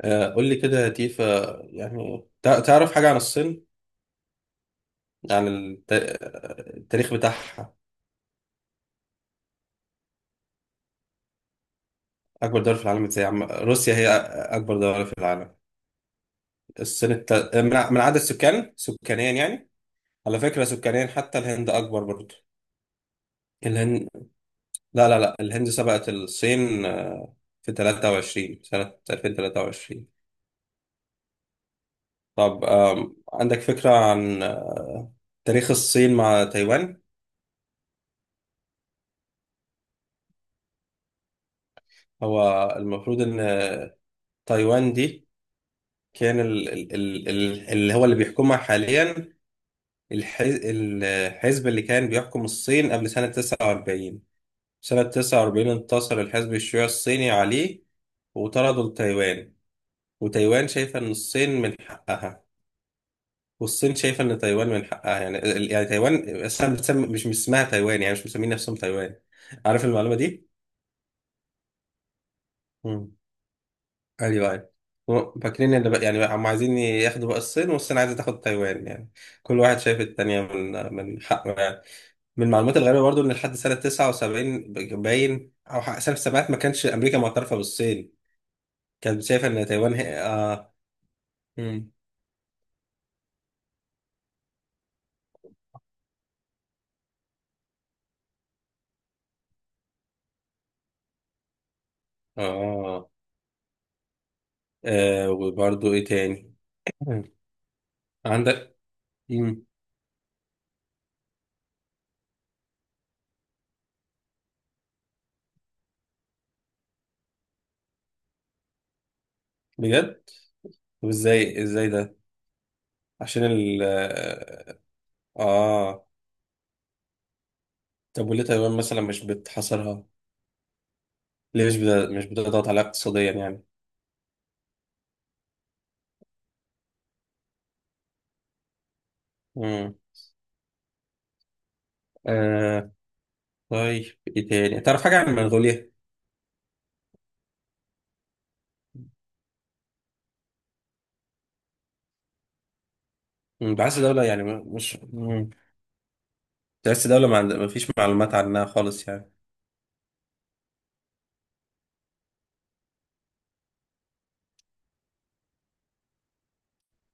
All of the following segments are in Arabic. قول لي كده يا تيفا. يعني تعرف حاجة عن الصين، عن التاريخ بتاعها. أكبر دولة في العالم إزاي؟ روسيا هي أكبر دولة في العالم. الصين من من عدد السكان، سكانيا يعني. على فكرة سكانيا حتى الهند أكبر برضه. الهند، لا لا لا، الهند سبقت الصين في 23 سنة 2023. طب عندك فكرة عن تاريخ الصين مع تايوان؟ هو المفروض إن تايوان دي، كان ال اللي هو اللي بيحكمها حاليا، الحزب اللي كان بيحكم الصين قبل سنة 49. سنة 49 انتصر الحزب الشيوعي الصيني عليه وطردوا لتايوان. وتايوان شايفة إن الصين من حقها، والصين شايفة إن تايوان من حقها. يعني يعني تايوان أصلا بتسمي، مش اسمها تايوان، يعني مش مسمين نفسهم تايوان. عارف المعلومة دي؟ ايوه، ايوه. هو فاكرين ان، بقى يعني هم عايزين ياخدوا بقى الصين، والصين عايزه تاخد تايوان، يعني كل واحد شايف التانية من حقه يعني. من المعلومات الغريبه برضو ان لحد سنه 79 باين، او سنه السبعينات ما كانش امريكا معترفه بالصين، كانت شايفه ان تايوان هي مم. اه. آه. وبرضو ايه تاني؟ مم. عندك. مم. بجد؟ طب ازاي ده؟ عشان ال اه. آه. طب وليه تايوان مثلا مش بتحاصرها؟ ليه مش بتضغط عليها اقتصاديا يعني. مم. آه. طيب ايه تاني، تعرف حاجة عن منغوليا؟ مم، بحس دولة يعني، مش. تحس دولة ما فيش معلومات عنها خالص يعني.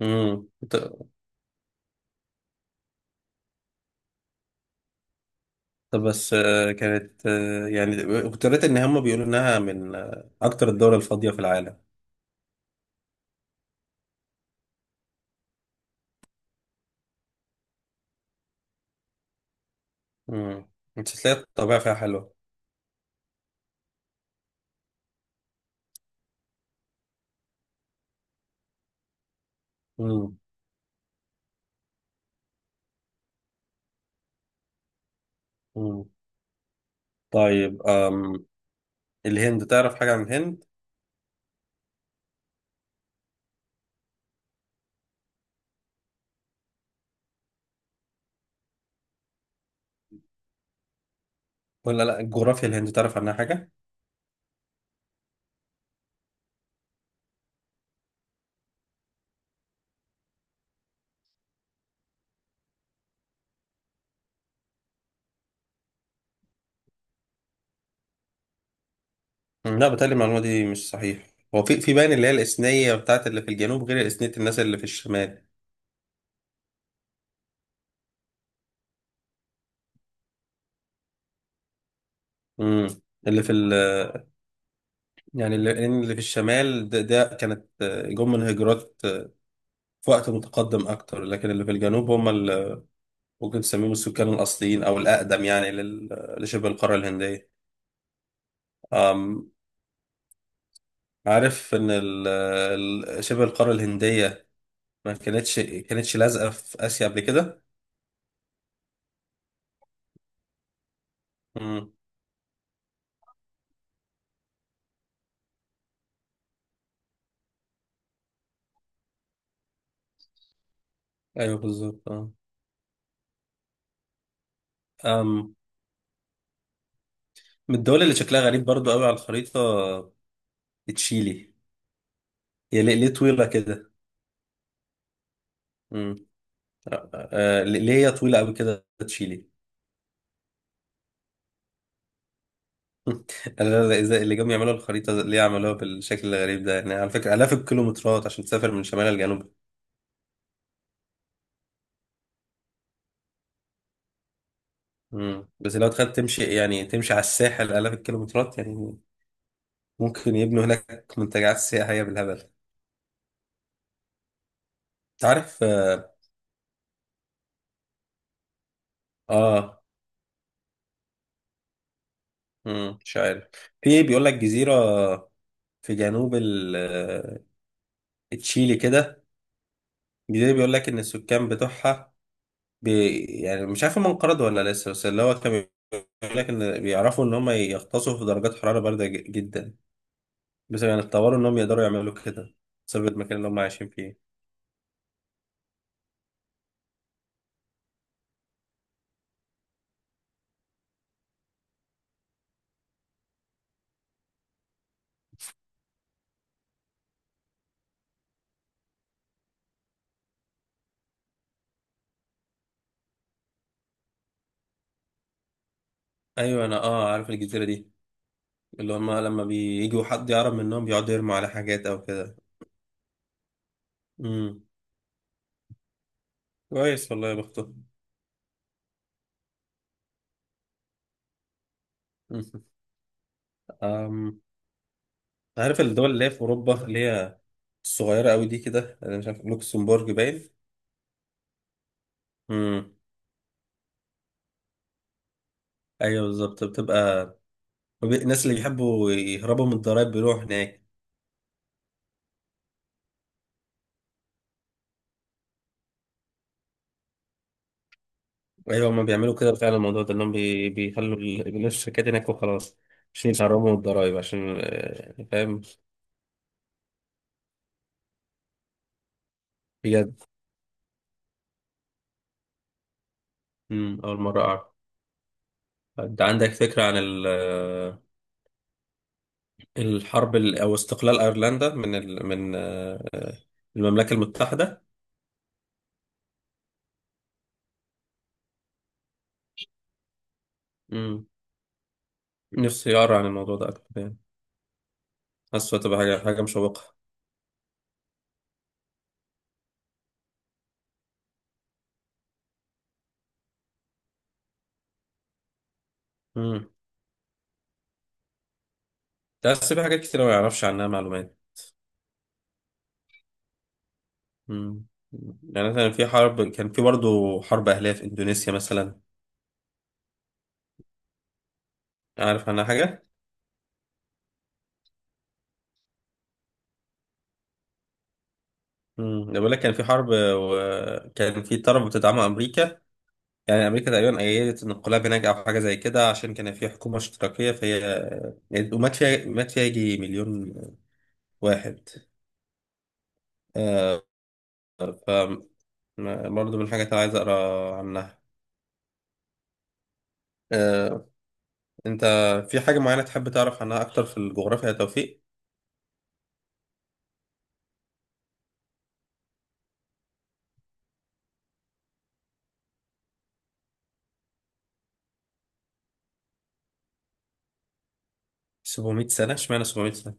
مم. طب بس، كانت يعني، كنت قريت ان هم بيقولوا انها من اكتر الدول الفاضية في العالم. مم. انت تلاقي الطبيعة فيها حلوة. مم. مم. طيب الهند، تعرف حاجة عن الهند؟ ولا لا، الجغرافيا، الهند تعرف عنها حاجة؟ لا، بتهيألي المعلومة دي مش صحيح. هو في باين اللي هي الإثنية بتاعت اللي في الجنوب غير إثنية الناس اللي في الشمال. امم. اللي في ال، يعني اللي في الشمال ده كانت جم من هجرات في وقت متقدم أكتر، لكن اللي في الجنوب هم اللي ممكن تسميهم السكان الأصليين أو الأقدم، يعني لشبه القارة الهندية. أم. عارف إن شبه القارة الهندية ما كانتش كانتش لازقة في آسيا قبل كده. امم. أيوه بالظبط. أه. من الدول اللي شكلها غريب برضو قوي على الخريطة، تشيلي. هي ليه طويلة كده؟ امم. ليه هي طويلة قوي كده تشيلي؟ انا لا، إزاي اللي جم يعملوا الخريطة ليه عملوها بالشكل الغريب ده يعني؟ على فكرة آلاف الكيلومترات عشان تسافر من شمال لجنوب. بس لو تخيل تمشي، يعني تمشي على الساحل آلاف الكيلومترات يعني. ممكن يبنوا هناك منتجعات سياحية بالهبل. تعرف آه. مم. مش عارف. في بيقول لك جزيرة في جنوب تشيلي كده. الجزيرة بيقول لك إن السكان بتوعها، يعني مش عارف هم انقرضوا ولا لسه، بس اللي هو كان بيقول لك إن بيعرفوا إن هم يغطسوا في درجات حرارة باردة جدا. بس يعني اتطوروا إن هم يقدروا يعملوا كده بسبب المكان اللي هم عايشين فيه. أيوة أنا عارف الجزيرة دي، اللي هم لما بييجوا حد يقرب منهم بيقعدوا يرموا على حاجات أو كده. امم. كويس، والله يا بختهم. أمم. عارف الدول اللي هي في أوروبا اللي هي الصغيرة أوي دي كده؟ أنا مش عارف، لوكسمبورج باين. امم. ايوه بالظبط، بتبقى، الناس اللي بيحبوا يهربوا من الضرايب بيروحوا هناك. ايوه، هما بيعملوا كده فعلا، الموضوع ده انهم بيخلوا بيخلوا الشركات هناك وخلاص، عشان يهربوا من الضرايب، عشان فاهم. بجد؟ اول مره اعرف. انت عندك فكره عن الحرب او استقلال ايرلندا من المملكه المتحده؟ أمم، نفسي اقرا عن الموضوع ده اكتر يعني، حاسه تبقى حاجه مشوقه. امم بس في حاجات كتير ما يعرفش عنها معلومات. مم. يعني مثلا في حرب، كان في برضه حرب أهلية في إندونيسيا مثلا. عارف عنها حاجة؟ بقول لك كان في حرب، وكان في طرف بتدعمه أمريكا، يعني أمريكا تقريبا أيدت الانقلاب هناك أو حاجة زي كده، عشان كان في حكومة اشتراكية فهي يعني. ومات فيها مات فيها يجي مليون واحد. آه. ف برضه من الحاجات اللي عايز أقرأ عنها. آه. أنت في حاجة معينة تحب تعرف عنها أكتر في الجغرافيا يا توفيق؟ 700 سنة، اشمعنى 700 سنة؟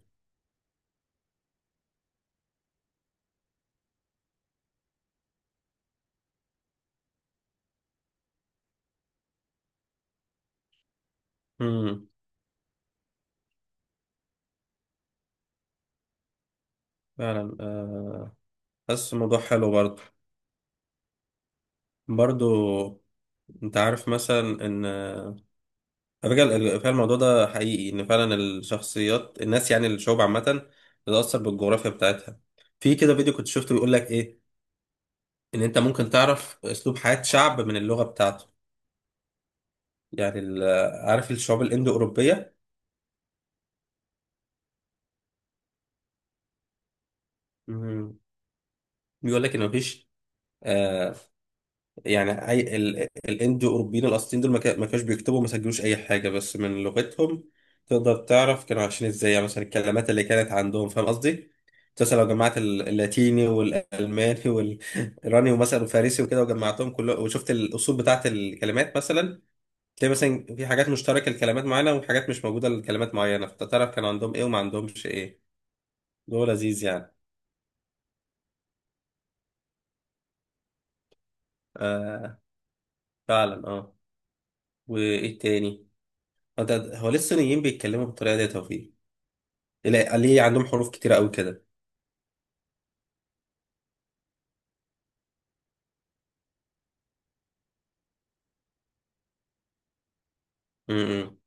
امم فعلا حاسس الموضوع حلو برضه. برضه، انت عارف مثلا ان، على فكرة فعلا الموضوع ده حقيقي، ان فعلا الشخصيات، الناس، يعني الشعوب عامة بتتأثر بالجغرافيا بتاعتها. في كده فيديو كنت شفته بيقول لك ايه، ان انت ممكن تعرف اسلوب حياة شعب من اللغة بتاعته. يعني عارف الشعوب الاندو اوروبية؟ بيقول لك ان مفيش آه، يعني اي الاندو اوروبيين الاصليين دول ما كانوش بيكتبوا، ما سجلوش اي حاجه، بس من لغتهم تقدر تعرف كانوا عايشين ازاي. يعني مثلا الكلمات اللي كانت عندهم، فاهم قصدي؟ مثلا لو جمعت اللاتيني والالماني والايراني ومثلا الفارسي وكده، وجمعتهم كله وشفت الاصول بتاعت الكلمات مثلا، تلاقي مثلا في حاجات مشتركه لكلمات معينه، وحاجات مش موجوده لكلمات معينه، فتعرف كان عندهم ايه وما عندهمش ايه. ده لذيذ يعني. آه. فعلا وايه تاني؟ هو هو ليه الصينيين بيتكلموا بالطريقه دي يا توفيق؟ لا، ليه عندهم حروف كتيرة قوي كده؟ امم.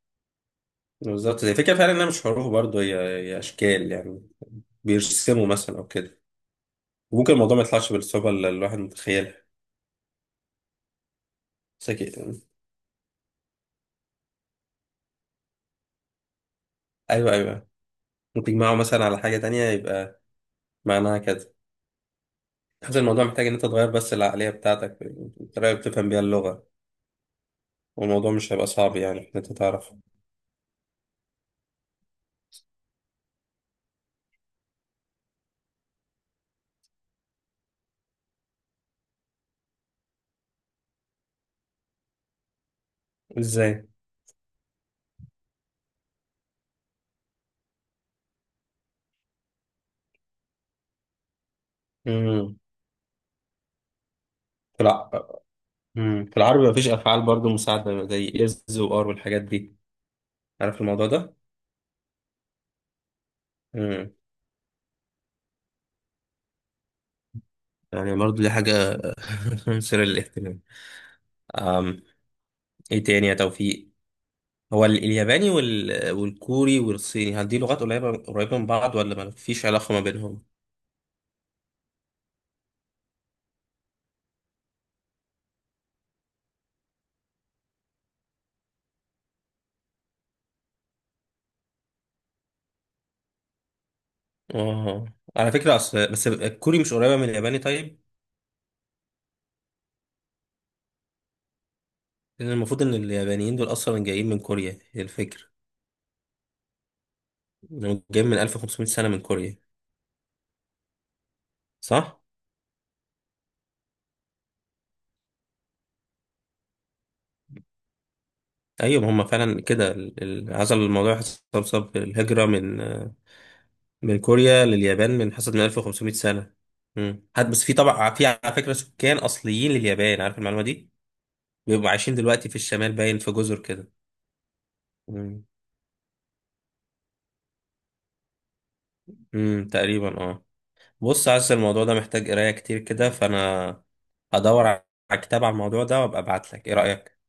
بالظبط زي فكرة، فعلا انها مش حروف برضه، هي اشكال يعني، بيرسموا مثلا او كده. وممكن الموضوع ما يطلعش بالصعوبة اللي الواحد متخيلها. بس أكيد- ايوه، ايوه، ممكن تجمعه مثلا على حاجة تانية يبقى معناها كده. حاسس الموضوع محتاج ان انت تغير بس العقلية بتاعتك، الطريقة اللي بتفهم بيها اللغة، والموضوع مش هيبقى صعب، يعني ان انت تعرف ازاي. امم. في الع... مم. في العربي مفيش افعال برضه مساعدة زي از وار والحاجات دي، عارف الموضوع ده؟ يعني برضو دي حاجة مثيرة للاهتمام. أم، ايه تاني يا توفيق؟ هو الياباني والكوري والصيني، هل دي لغات قريبة قريبة من بعض ولا ما فيش علاقة ما بينهم؟ اه. على فكرة أصل بس، الكوري مش قريبة من الياباني طيب؟ لأن المفروض إن اليابانيين دول أصلا جايين من كوريا، هي الفكرة، إنهم جايين من 1500 سنة من كوريا، صح؟ أيوة، ما هم فعلا كده، عزل الموضوع حصل بسبب الهجرة من كوريا لليابان، بنحسب من 1500 سنة. حد بس، في طبعا، في على فكرة سكان أصليين لليابان، عارف المعلومة دي؟ بيبقوا عايشين دلوقتي في الشمال باين، في جزر كده. امم تقريبا اه. بص عايز، الموضوع ده محتاج قراية كتير كده، فأنا هدور على كتاب على الموضوع ده وأبقى أبعت لك، إيه رأيك؟